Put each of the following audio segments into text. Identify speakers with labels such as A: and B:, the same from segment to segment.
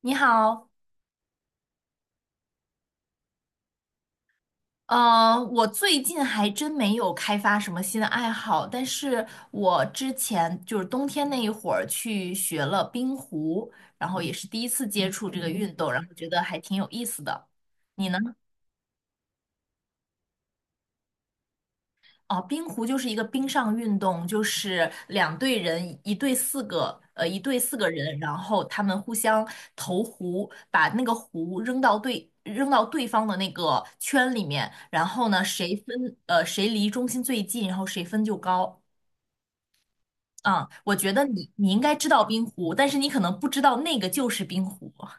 A: 你好，我最近还真没有开发什么新的爱好，但是我之前就是冬天那一会儿去学了冰壶，然后也是第一次接触这个运动，然后觉得还挺有意思的。你呢？哦，冰壶就是一个冰上运动，就是两队人，一队四个，一队四个人，然后他们互相投壶，把那个壶扔到对方的那个圈里面，然后呢，谁离中心最近，然后谁分就高。啊，我觉得你应该知道冰壶，但是你可能不知道那个就是冰壶。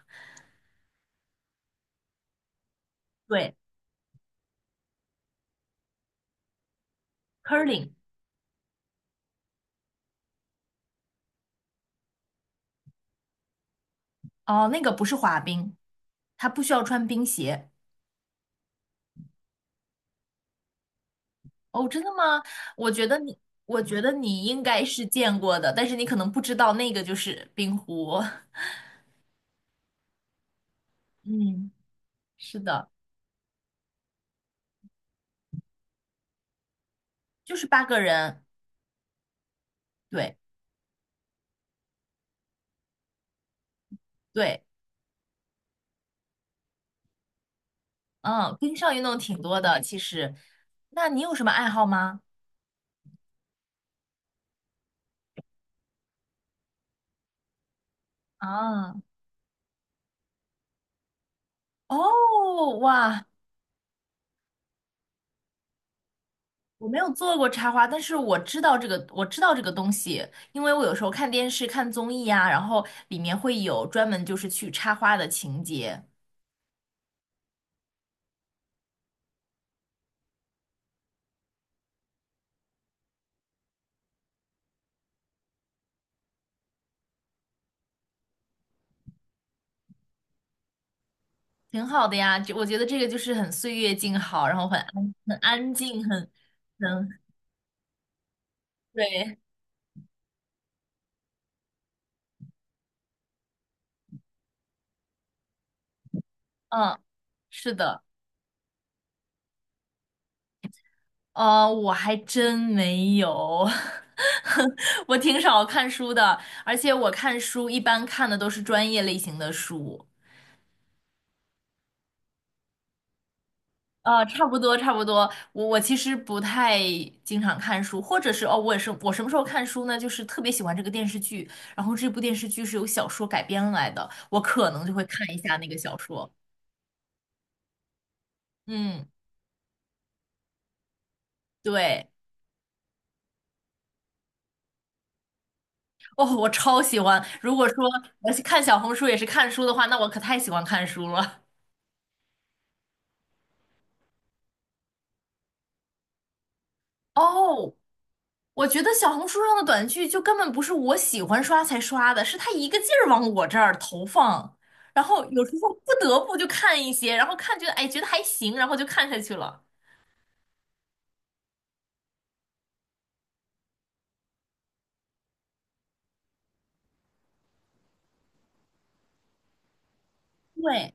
A: 对，curling,哦，那个不是滑冰，它不需要穿冰鞋。哦，真的吗？我觉得你，我觉得你应该是见过的，但是你可能不知道那个就是冰壶。嗯，是的，就是八个人。对对，嗯，冰上运动挺多的，其实。那你有什么爱好吗？啊，哦，哇，我没有做过插花，但是我知道这个，我知道这个东西，因为我有时候看电视、看综艺啊，然后里面会有专门就是去插花的情节。挺好的呀，就我觉得这个就是很岁月静好，然后很安静，很对，嗯，是的，我还真没有，我挺少看书的，而且我看书一般看的都是专业类型的书，呃，差不多，我其实不太经常看书，或者是哦，我也是，我什么时候看书呢？就是特别喜欢这个电视剧，然后这部电视剧是由小说改编来的，我可能就会看一下那个小说，嗯。对，哦，我超喜欢。如果说我看小红书也是看书的话，那我可太喜欢看书了。哦，我觉得小红书上的短剧就根本不是我喜欢刷才刷的，是它一个劲儿往我这儿投放，然后有时候不得不就看一些，然后看觉得哎觉得还行，然后就看下去了。对，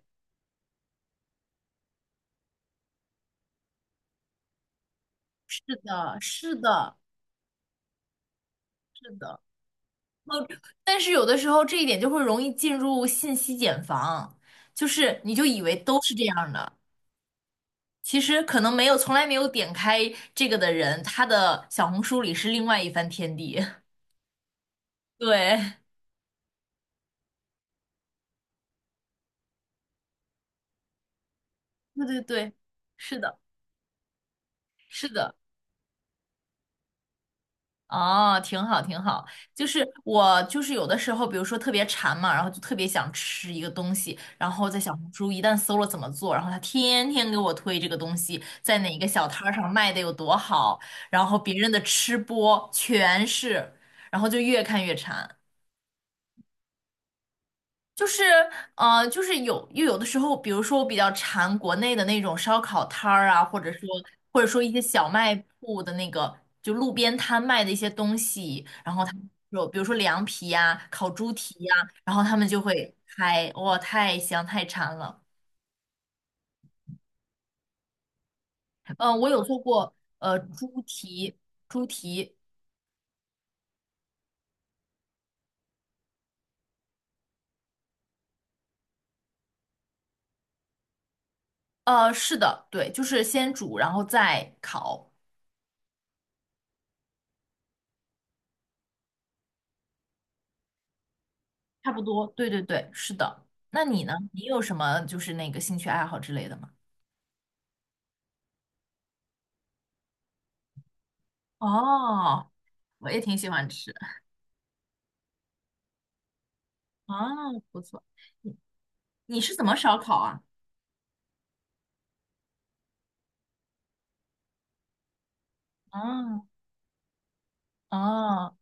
A: 是的，是的，是的。但是有的时候这一点就会容易进入信息茧房，就是你就以为都是这样的。其实可能没有从来没有点开这个的人，他的小红书里是另外一番天地。对，对对对，是的，是的，哦，挺好挺好。就是我就是有的时候，比如说特别馋嘛，然后就特别想吃一个东西，然后在小红书一旦搜了怎么做，然后他天天给我推这个东西在哪个小摊儿上卖的有多好，然后别人的吃播全是，然后就越看越馋。就是有的时候，比如说我比较馋国内的那种烧烤摊儿啊，或者说一些小卖铺的那个，就路边摊卖的一些东西，然后他们有比如说凉皮呀、烤猪蹄呀、然后他们就会开，哇，太香太馋了。嗯、我有做过猪蹄，猪蹄，呃，是的，对，就是先煮然后再烤，差不多，对对对，是的。那你呢？你有什么就是那个兴趣爱好之类的吗？哦，我也挺喜欢吃。啊，不错。你你是怎么烧烤啊？啊哦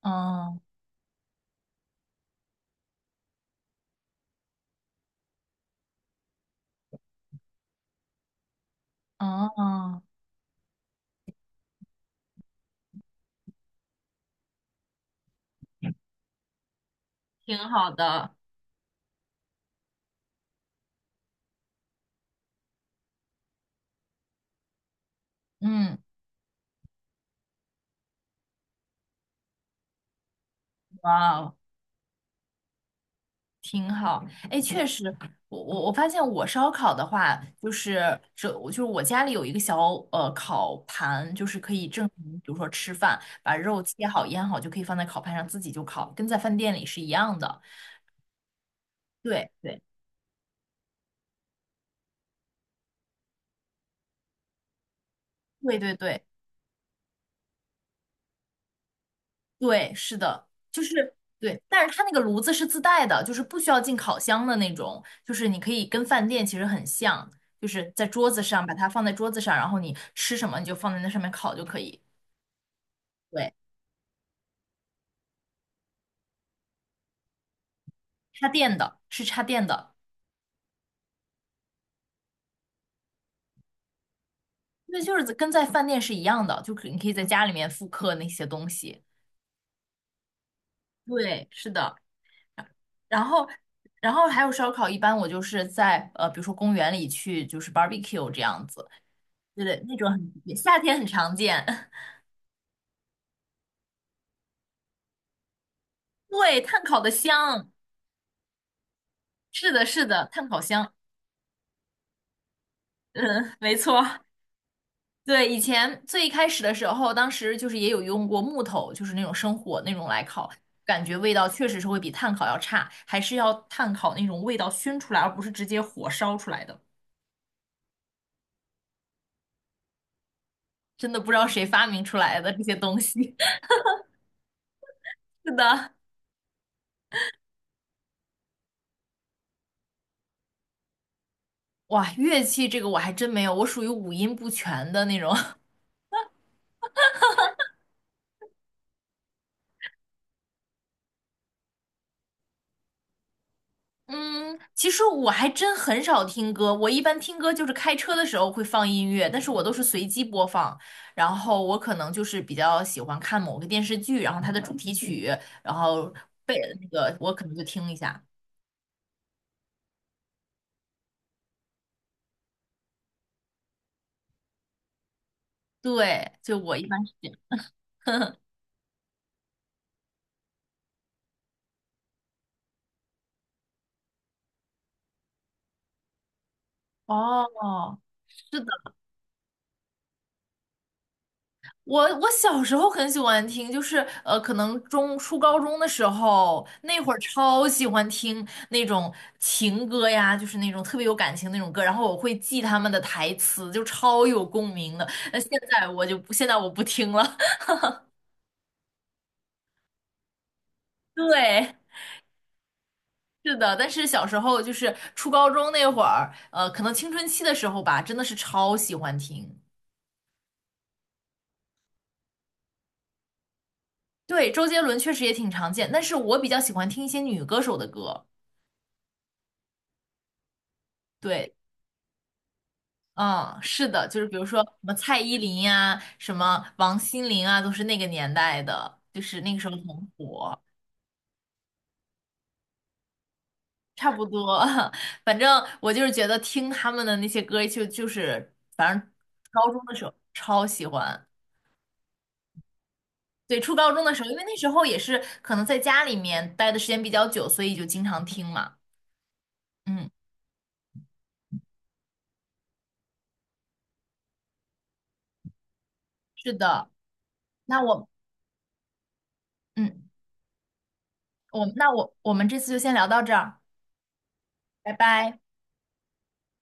A: 哦哦，挺好的，嗯，哇哦挺好。哎，确实，我发现我烧烤的话，就是这，我就是我家里有一个小烤盘，就是可以正常，比如说吃饭，把肉切好腌好，就可以放在烤盘上自己就烤，跟在饭店里是一样的。对对对对对，对，是的，但是它那个炉子是自带的，就是不需要进烤箱的那种，就是你可以跟饭店其实很像，就是在桌子上把它放在桌子上，然后你吃什么你就放在那上面烤就可以。对，插电的，是插电的，那就是跟在饭店是一样的，你可以在家里面复刻那些东西。对，是的，然后。然后还有烧烤，一般我就是在比如说公园里去，就是 barbecue 这样子，对对，那种很夏天很常见。对，炭烤的香，是的，是的，炭烤香，嗯，没错，对，以前最一开始的时候，当时就是也有用过木头，就是那种生火那种来烤，感觉味道确实是会比炭烤要差，还是要炭烤那种味道熏出来，而不是直接火烧出来的。真的不知道谁发明出来的这些东西。是的，哇，乐器这个我还真没有，我属于五音不全的那种。嗯，其实我还真很少听歌，我一般听歌就是开车的时候会放音乐，但是我都是随机播放。然后我可能就是比较喜欢看某个电视剧，然后它的主题曲，然后背的那个我可能就听一下。对，就我一般是这样。哦，是的。我小时候很喜欢听，就是可能中初高中的时候，那会儿超喜欢听那种情歌呀，就是那种特别有感情那种歌，然后我会记他们的台词，就超有共鸣的。那现在我就不，现在我不听了。对，是的，但是小时候就是初高中那会儿，可能青春期的时候吧，真的是超喜欢听。对，周杰伦确实也挺常见，但是我比较喜欢听一些女歌手的歌。对，嗯，是的，就是比如说什么蔡依林呀、什么王心凌啊，都是那个年代的，就是那个时候很火，差不多。反正我就是觉得听他们的那些歌就是，反正高中的时候超喜欢。对，初高中的时候，因为那时候也是可能在家里面待的时间比较久，所以就经常听嘛。嗯，是的。那我，嗯，我那我我们这次就先聊到这儿，拜拜。